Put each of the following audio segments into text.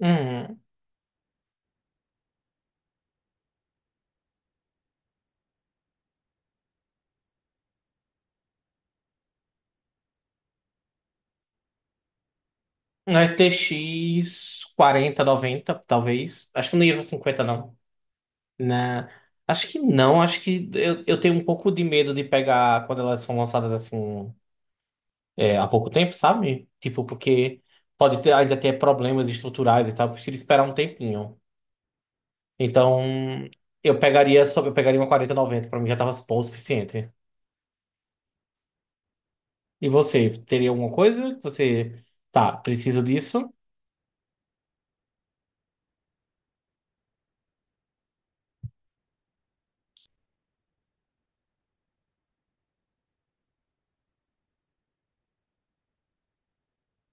Uhum. Um 4090 talvez. Acho que não ia pra 50, não. na Acho que não, acho que eu tenho um pouco de medo de pegar quando elas são lançadas assim é, há pouco tempo, sabe? Tipo, porque pode ter, ainda ter problemas estruturais e tal, eu prefiro esperar um tempinho. Então, eu pegaria uma 4090 pra mim já tava bom o suficiente. E você, teria alguma coisa que você, tá, preciso disso?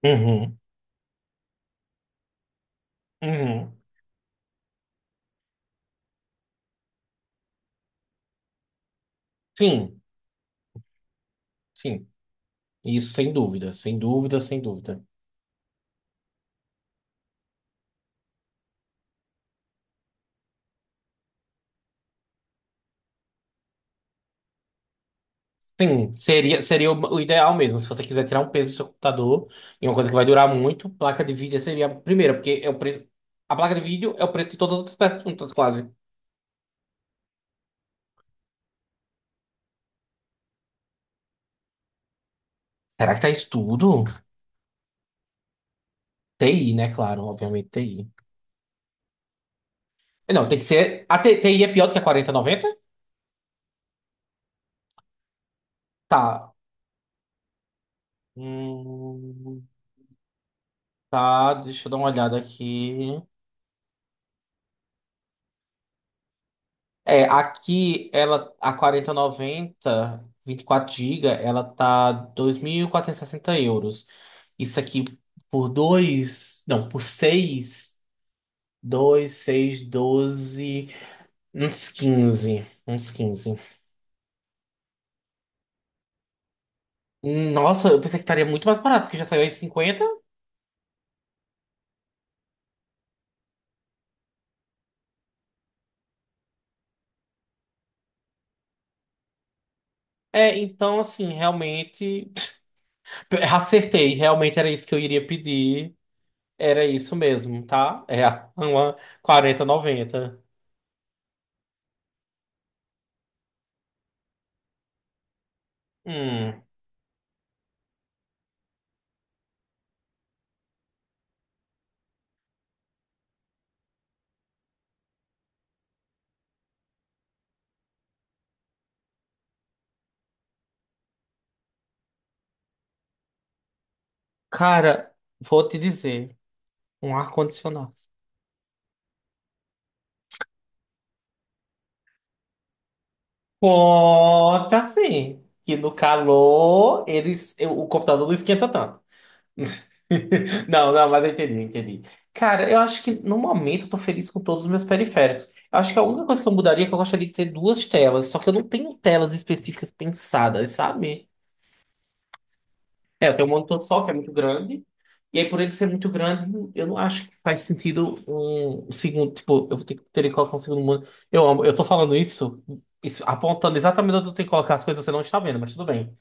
Uhum, uhum. Sim. Sim. Isso, sem dúvida, sem dúvida, sem dúvida. Sim, seria o ideal mesmo. Se você quiser tirar um peso do seu computador, e uma coisa que vai durar muito, placa de vídeo seria a primeira, porque é o preço. A placa de vídeo é o preço de todas as outras peças juntas, quase. Será que tá isso tudo? TI, né? Claro, obviamente TI. Não, tem que ser. A TI é pior do que a 4090. Tá. Hum, tá, deixa eu dar uma olhada aqui. É, aqui ela a 4090 24 gigas ela tá 2.460 euros. Isso aqui por dois não, por seis, dois seis 12, uns quinze. Nossa, eu pensei que estaria muito mais barato, porque já saiu aí 50. É, então assim, realmente acertei, realmente era isso que eu iria pedir. Era isso mesmo, tá? É uma 4090. Hum. Cara, vou te dizer, um ar-condicionado. Conta sim, que no calor eles, o computador não esquenta tanto. Não, não, mas eu entendi, eu entendi. Cara, eu acho que no momento eu tô feliz com todos os meus periféricos. Eu acho que a única coisa que eu mudaria é que eu gostaria de ter duas telas, só que eu não tenho telas específicas pensadas, sabe? É, eu tenho um monitor só que é muito grande. E aí, por ele ser muito grande, eu não acho que faz sentido um, um segundo. Tipo, eu vou ter que colocar um segundo monitor. Eu amo, eu tô falando isso, apontando exatamente onde eu tenho que colocar as coisas, você não está vendo, mas tudo bem.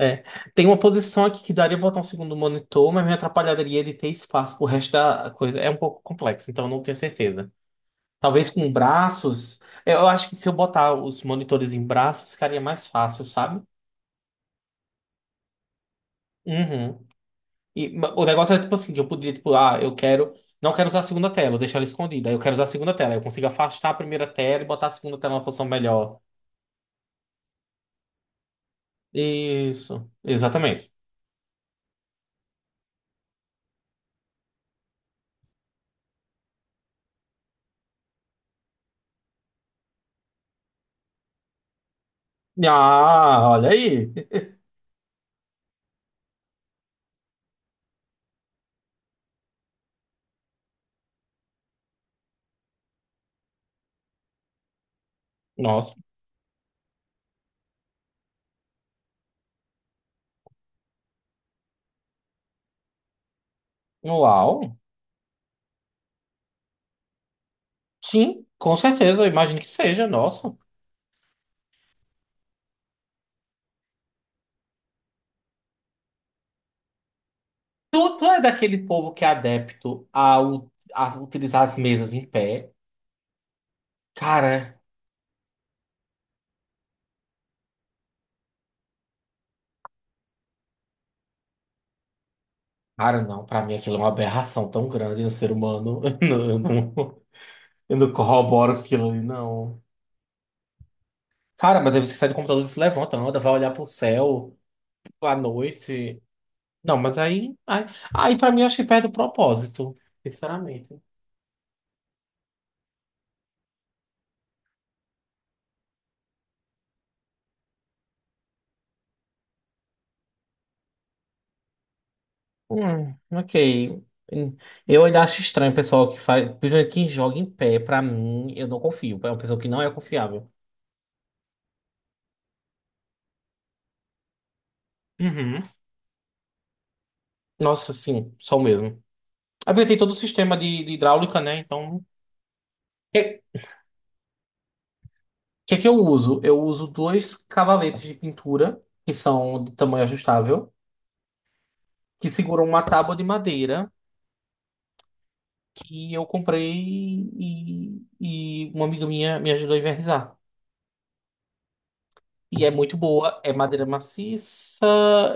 É, tem uma posição aqui que daria pra botar um segundo monitor, mas me atrapalharia de ter espaço pro resto da coisa. É um pouco complexo, então eu não tenho certeza. Talvez com braços. Eu acho que se eu botar os monitores em braços, ficaria mais fácil, sabe? Uhum. E o negócio é tipo assim, que eu podia, tipo, ah, eu quero. Não quero usar a segunda tela, vou deixar ela escondida. Aí eu quero usar a segunda tela. Eu consigo afastar a primeira tela e botar a segunda tela numa posição melhor. Isso, exatamente. Ah, olha aí. Nossa, uau. Sim, com certeza, eu imagino que seja, nossa. Tu, tu é daquele povo que é adepto a utilizar as mesas em pé? Cara, cara, não, pra mim aquilo é uma aberração tão grande no ser humano. Eu não corroboro com aquilo ali, não. Cara, mas aí você sai do computador, se levanta, anda, vai olhar pro céu à noite. Não, mas aí pra mim eu acho que perde o propósito, sinceramente. Ok. Eu ainda acho estranho o pessoal que faz, principalmente quem joga em pé, pra mim, eu não confio. É uma pessoa que não é confiável. Uhum. Nossa, sim, só o mesmo. É porque tem todo o sistema de hidráulica, né? Então, o que, que que eu uso? Eu uso dois cavaletes de pintura, que são de tamanho ajustável, que seguram uma tábua de madeira que eu comprei, e uma amiga minha me ajudou a envernizar. E é muito boa, é madeira maciça,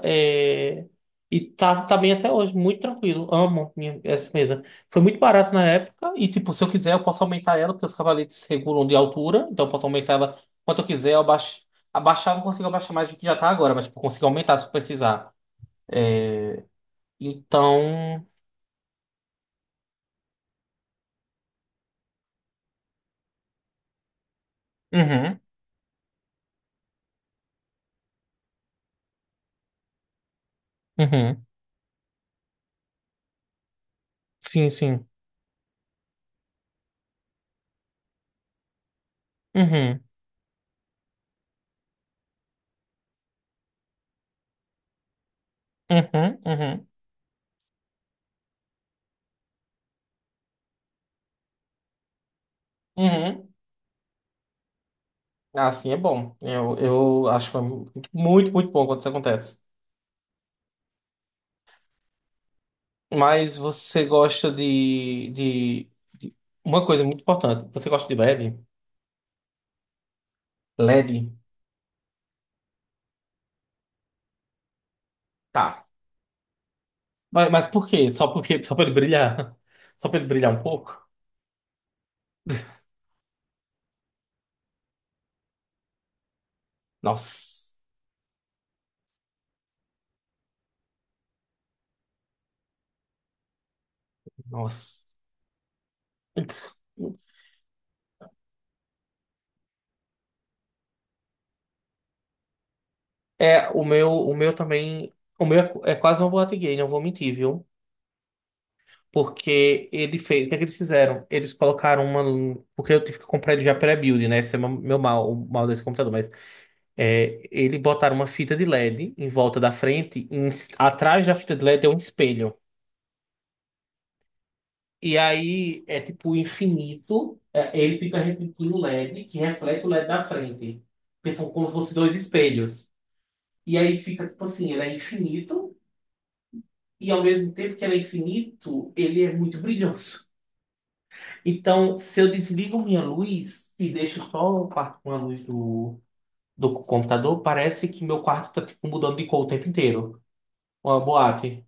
é... e tá, tá bem até hoje, muito tranquilo. Amo minha, essa mesa. Foi muito barato na época, e tipo, se eu quiser, eu posso aumentar ela, porque os cavaletes regulam de altura, então eu posso aumentar ela quanto eu quiser, eu abaixo. Abaixar, eu não consigo abaixar mais do que já tá agora, mas tipo, eu consigo aumentar se eu precisar. Então. Uhum, uhum. Sim, sim. Uhum, uhum, uhum, uhum. Ah, sim, é bom. Eu acho que é muito, muito muito bom quando isso acontece. Mas você gosta de. Uma coisa muito importante. Você gosta de LED? LED? Tá. Mas por quê? Só pra ele brilhar? Só pra ele brilhar um pouco? Nossa, nossa. É, o meu também. O meu é quase uma boate gay, não vou mentir, viu? Porque ele fez. O que é que eles fizeram? Eles colocaram uma. Porque eu tive que comprar ele já pré-build, né? Esse é o meu mal, o mal desse computador. Mas. É, ele botaram uma fita de LED em volta da frente, atrás da fita de LED é um espelho. E aí é tipo infinito, é, ele fica refletindo o LED, que reflete o LED da frente, que são como se fossem dois espelhos. E aí fica tipo assim, ele é infinito, e ao mesmo tempo que ele é infinito, ele é muito brilhoso. Então, se eu desligo minha luz e deixo só o quarto com a luz do, do computador, parece que meu quarto tá tipo mudando de cor o tempo inteiro. Uma boate.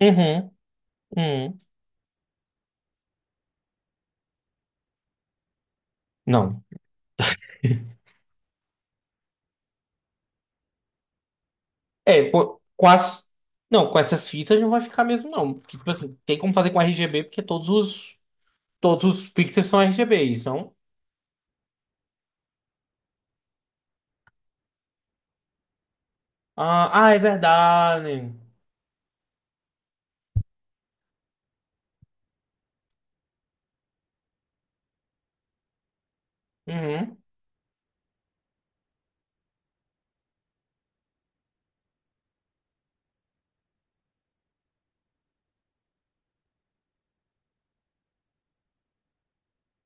Uhum. Hum, não. É, pô, com as. Não, com essas fitas não vai ficar mesmo, não. Porque, tipo assim, tem como fazer com RGB, porque todos os. Todos os pixels são RGBs, não? Ah, ah, é verdade. Uhum,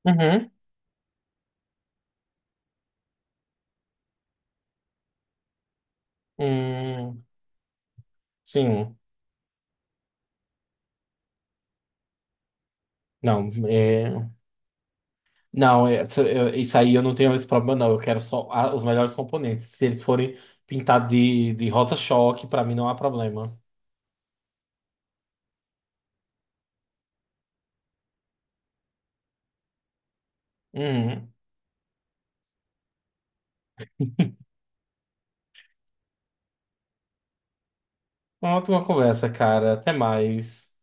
uhum. Hum, sim. Não, é. Não, isso aí eu não tenho esse problema, não. Eu quero só os melhores componentes. Se eles forem pintados de rosa choque, pra mim não há problema. Uhum. Uma ótima conversa, cara. Até mais.